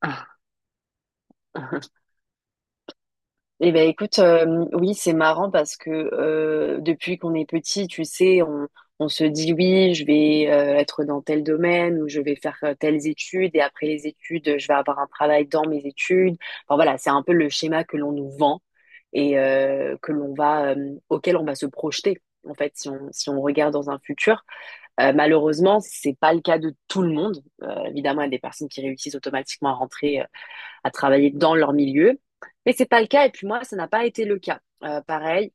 Ah. Eh ben écoute, oui, c'est marrant parce que depuis qu'on est petit, tu sais, on se dit oui, je vais être dans tel domaine ou je vais faire telles études et après les études, je vais avoir un travail dans mes études. Enfin voilà, c'est un peu le schéma que l'on nous vend et que l'on va, auquel on va se projeter. En fait, si on regarde dans un futur. Malheureusement, c'est pas le cas de tout le monde. Évidemment, il y a des personnes qui réussissent automatiquement à rentrer à travailler dans leur milieu. Mais c'est pas le cas. Et puis moi, ça n'a pas été le cas. Pareil,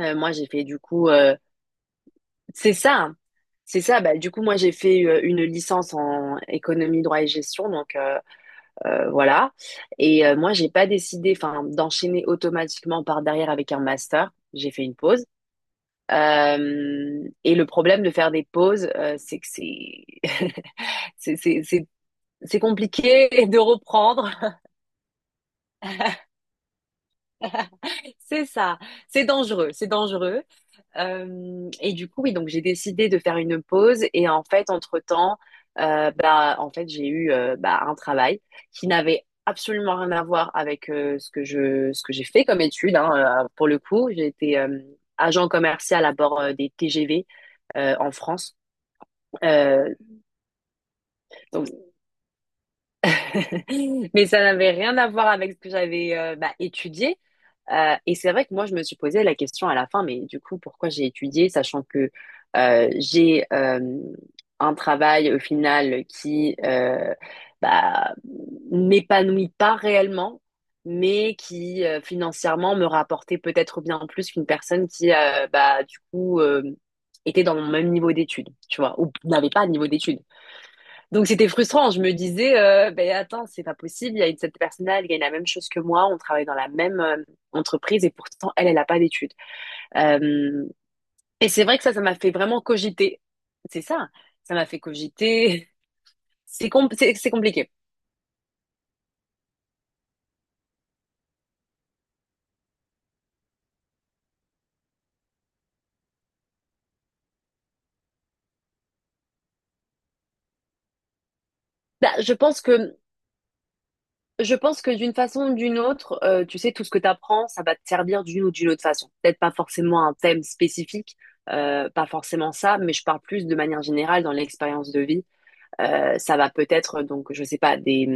moi j'ai fait du coup, c'est ça, hein. C'est ça. Bah, du coup, moi j'ai fait une licence en économie, droit et gestion. Donc, voilà. Et moi j'ai pas décidé, enfin, d'enchaîner automatiquement par derrière avec un master. J'ai fait une pause. Et le problème de faire des pauses, c'est que c'est c'est c'est c'est c'est compliqué de reprendre. C'est ça. C'est dangereux, c'est dangereux. Et du coup, oui, donc j'ai décidé de faire une pause. Et en fait, entre-temps, bah, en fait, j'ai eu bah, un travail qui n'avait absolument rien à voir avec ce que ce que j'ai fait comme étude, hein. Pour le coup, j'ai été agent commercial à bord des TGV en France. Euh, donc, mais ça n'avait rien à voir avec ce que j'avais bah, étudié. Et c'est vrai que moi, je me suis posé la question à la fin, mais du coup, pourquoi j'ai étudié, sachant que j'ai un travail au final qui bah, m'épanouit pas réellement, mais qui financièrement me rapportait peut-être bien plus qu'une personne qui bah, du coup, était dans mon même niveau d'études, tu vois, ou n'avait pas de niveau d'études. Donc c'était frustrant. Je me disais, ben attends, c'est pas possible. Il y a une, cette personne-là, elle gagne la même chose que moi. On travaille dans la même entreprise et pourtant elle, elle n'a pas d'études. Euh, et c'est vrai que ça m'a fait vraiment cogiter. C'est ça. Ça m'a fait cogiter. C'est compliqué. Bah, je pense que d'une façon ou d'une autre, tu sais, tout ce que tu apprends, ça va te servir d'une ou d'une autre façon. Peut-être pas forcément un thème spécifique, pas forcément ça, mais je parle plus de manière générale dans l'expérience de vie. Ça va peut-être, donc, je sais pas,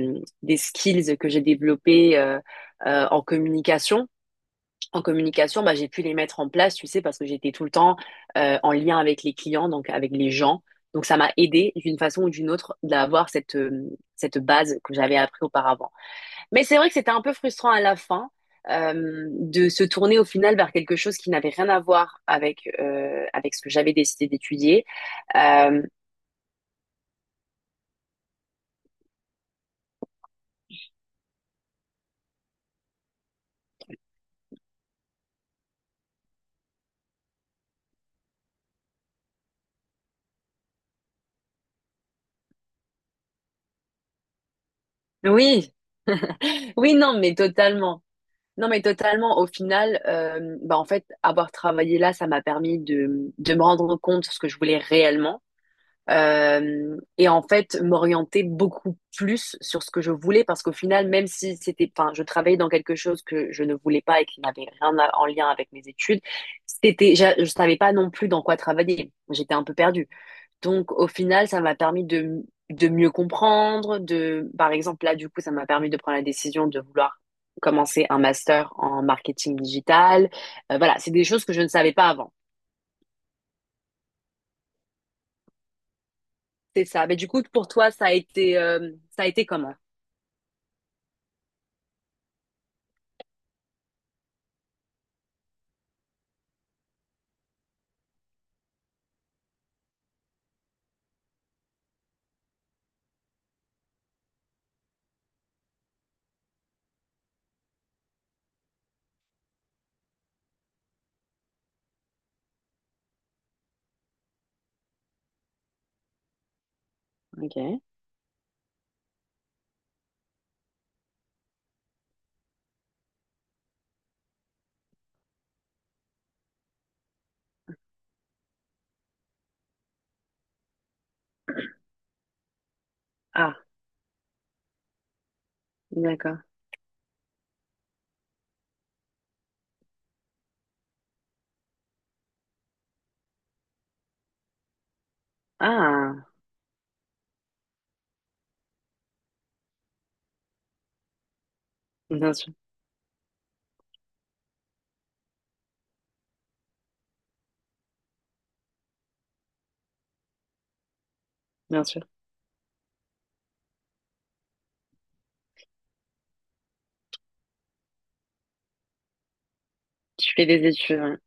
des skills que j'ai développés en communication. En communication, bah, j'ai pu les mettre en place, tu sais, parce que j'étais tout le temps en lien avec les clients, donc avec les gens. Donc, ça m'a aidé d'une façon ou d'une autre d'avoir cette base que j'avais appris auparavant. Mais c'est vrai que c'était un peu frustrant à la fin de se tourner au final vers quelque chose qui n'avait rien à voir avec ce que j'avais décidé d'étudier. Euh, Oui. Oui, non, mais totalement. Non, mais totalement. Au final, bah, en fait, avoir travaillé là, ça m'a permis de me rendre compte de ce que je voulais réellement. Et en fait, m'orienter beaucoup plus sur ce que je voulais parce qu'au final, même si c'était, enfin, je travaillais dans quelque chose que je ne voulais pas et qui n'avait rien à- en lien avec mes études, c'était, je savais pas non plus dans quoi travailler. J'étais un peu perdue. Donc, au final, ça m'a permis de mieux comprendre, de, par exemple, là, du coup, ça m'a permis de prendre la décision de vouloir commencer un master en marketing digital. Voilà, c'est des choses que je ne savais pas avant. C'est ça. Mais du coup, pour toi, ça a été comment? Ok. Ah, d'accord. Ah, bien sûr, bien sûr. Tu fais des études, ouais.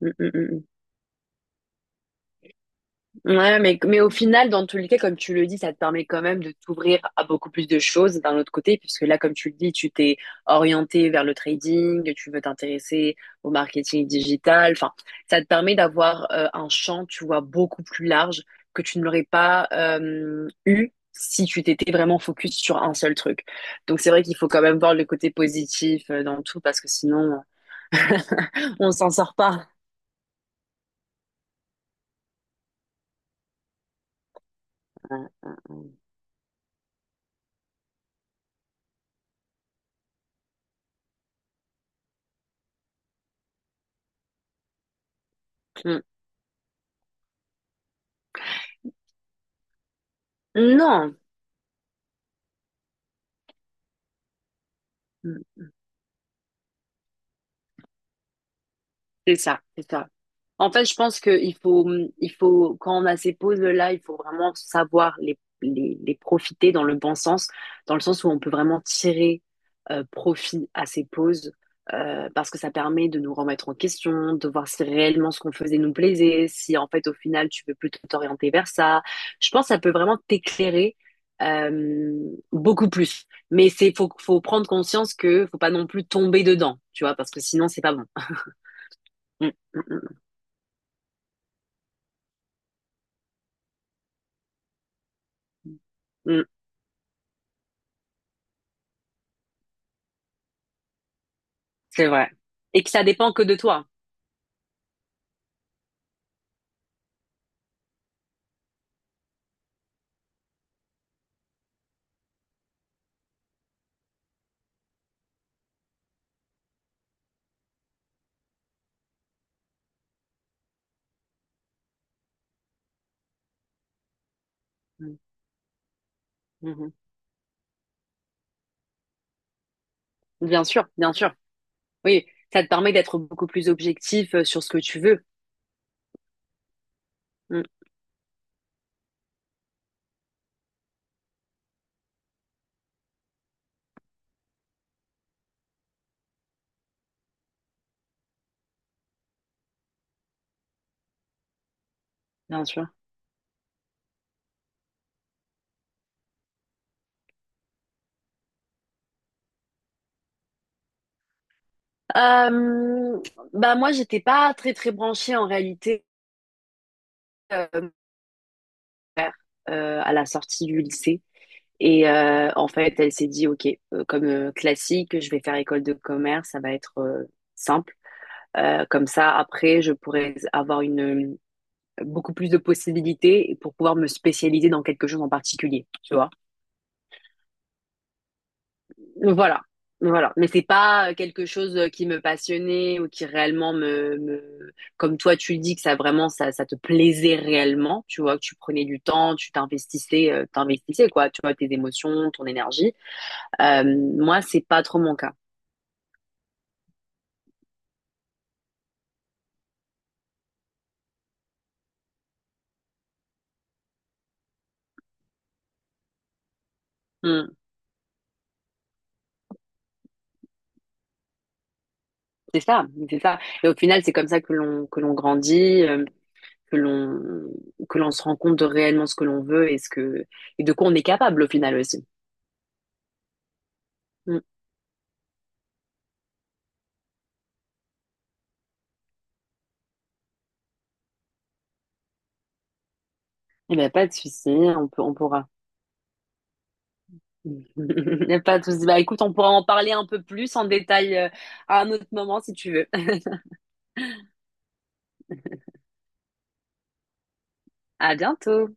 Ouais, mais au final, dans tous les cas, comme tu le dis, ça te permet quand même de t'ouvrir à beaucoup plus de choses d'un autre côté, puisque là, comme tu le dis, tu t'es orienté vers le trading, tu veux t'intéresser au marketing digital. Enfin, ça te permet d'avoir un champ, tu vois, beaucoup plus large que tu ne l'aurais pas eu si tu t'étais vraiment focus sur un seul truc. Donc, c'est vrai qu'il faut quand même voir le côté positif dans tout, parce que sinon, on s'en sort pas. Mm. Non. Mmh. C'est ça, c'est ça. En fait, je pense que il faut, quand on a ces pauses-là, il faut vraiment savoir les profiter dans le bon sens, dans le sens où on peut vraiment tirer profit à ces pauses, parce que ça permet de nous remettre en question, de voir si réellement ce qu'on faisait nous plaisait, si en fait au final tu veux plutôt t'orienter vers ça. Je pense que ça peut vraiment t'éclairer euh, beaucoup plus. Mais c'est faut prendre conscience que faut pas non plus tomber dedans, tu vois, parce que sinon c'est pas bon. Mm, mm, mm. Mmh, c'est vrai. Et que ça dépend que de toi. Mmh, mmh. Bien sûr, bien sûr. Oui, ça te permet d'être beaucoup plus objectif sur ce que tu veux. Mmh, bien sûr. Euh, Bah moi, j'étais pas très très branchée en réalité mon père, à la sortie du lycée. Et en fait, elle s'est dit, OK, comme classique, je vais faire école de commerce, ça va être simple. Comme ça, après, je pourrais avoir beaucoup plus de possibilités pour pouvoir me spécialiser dans quelque chose en particulier, tu vois. Voilà. Voilà, mais c'est pas quelque chose qui me passionnait ou qui réellement me... comme toi tu le dis que ça vraiment ça te plaisait réellement, tu vois que tu prenais du temps, tu t'investissais, t'investissais quoi, tu vois tes émotions, ton énergie. Euh, Moi c'est pas trop mon cas. Hmm, c'est ça, c'est ça. Et au final c'est comme ça que l'on grandit. Que l'on se rend compte de réellement ce que l'on veut et ce que et de quoi on est capable au final aussi. Mm. Eh ben pas de souci, on pourra. Il n'y a pas de souci. Bah écoute, on pourra en parler un peu plus en détail à un autre moment si tu veux. À bientôt.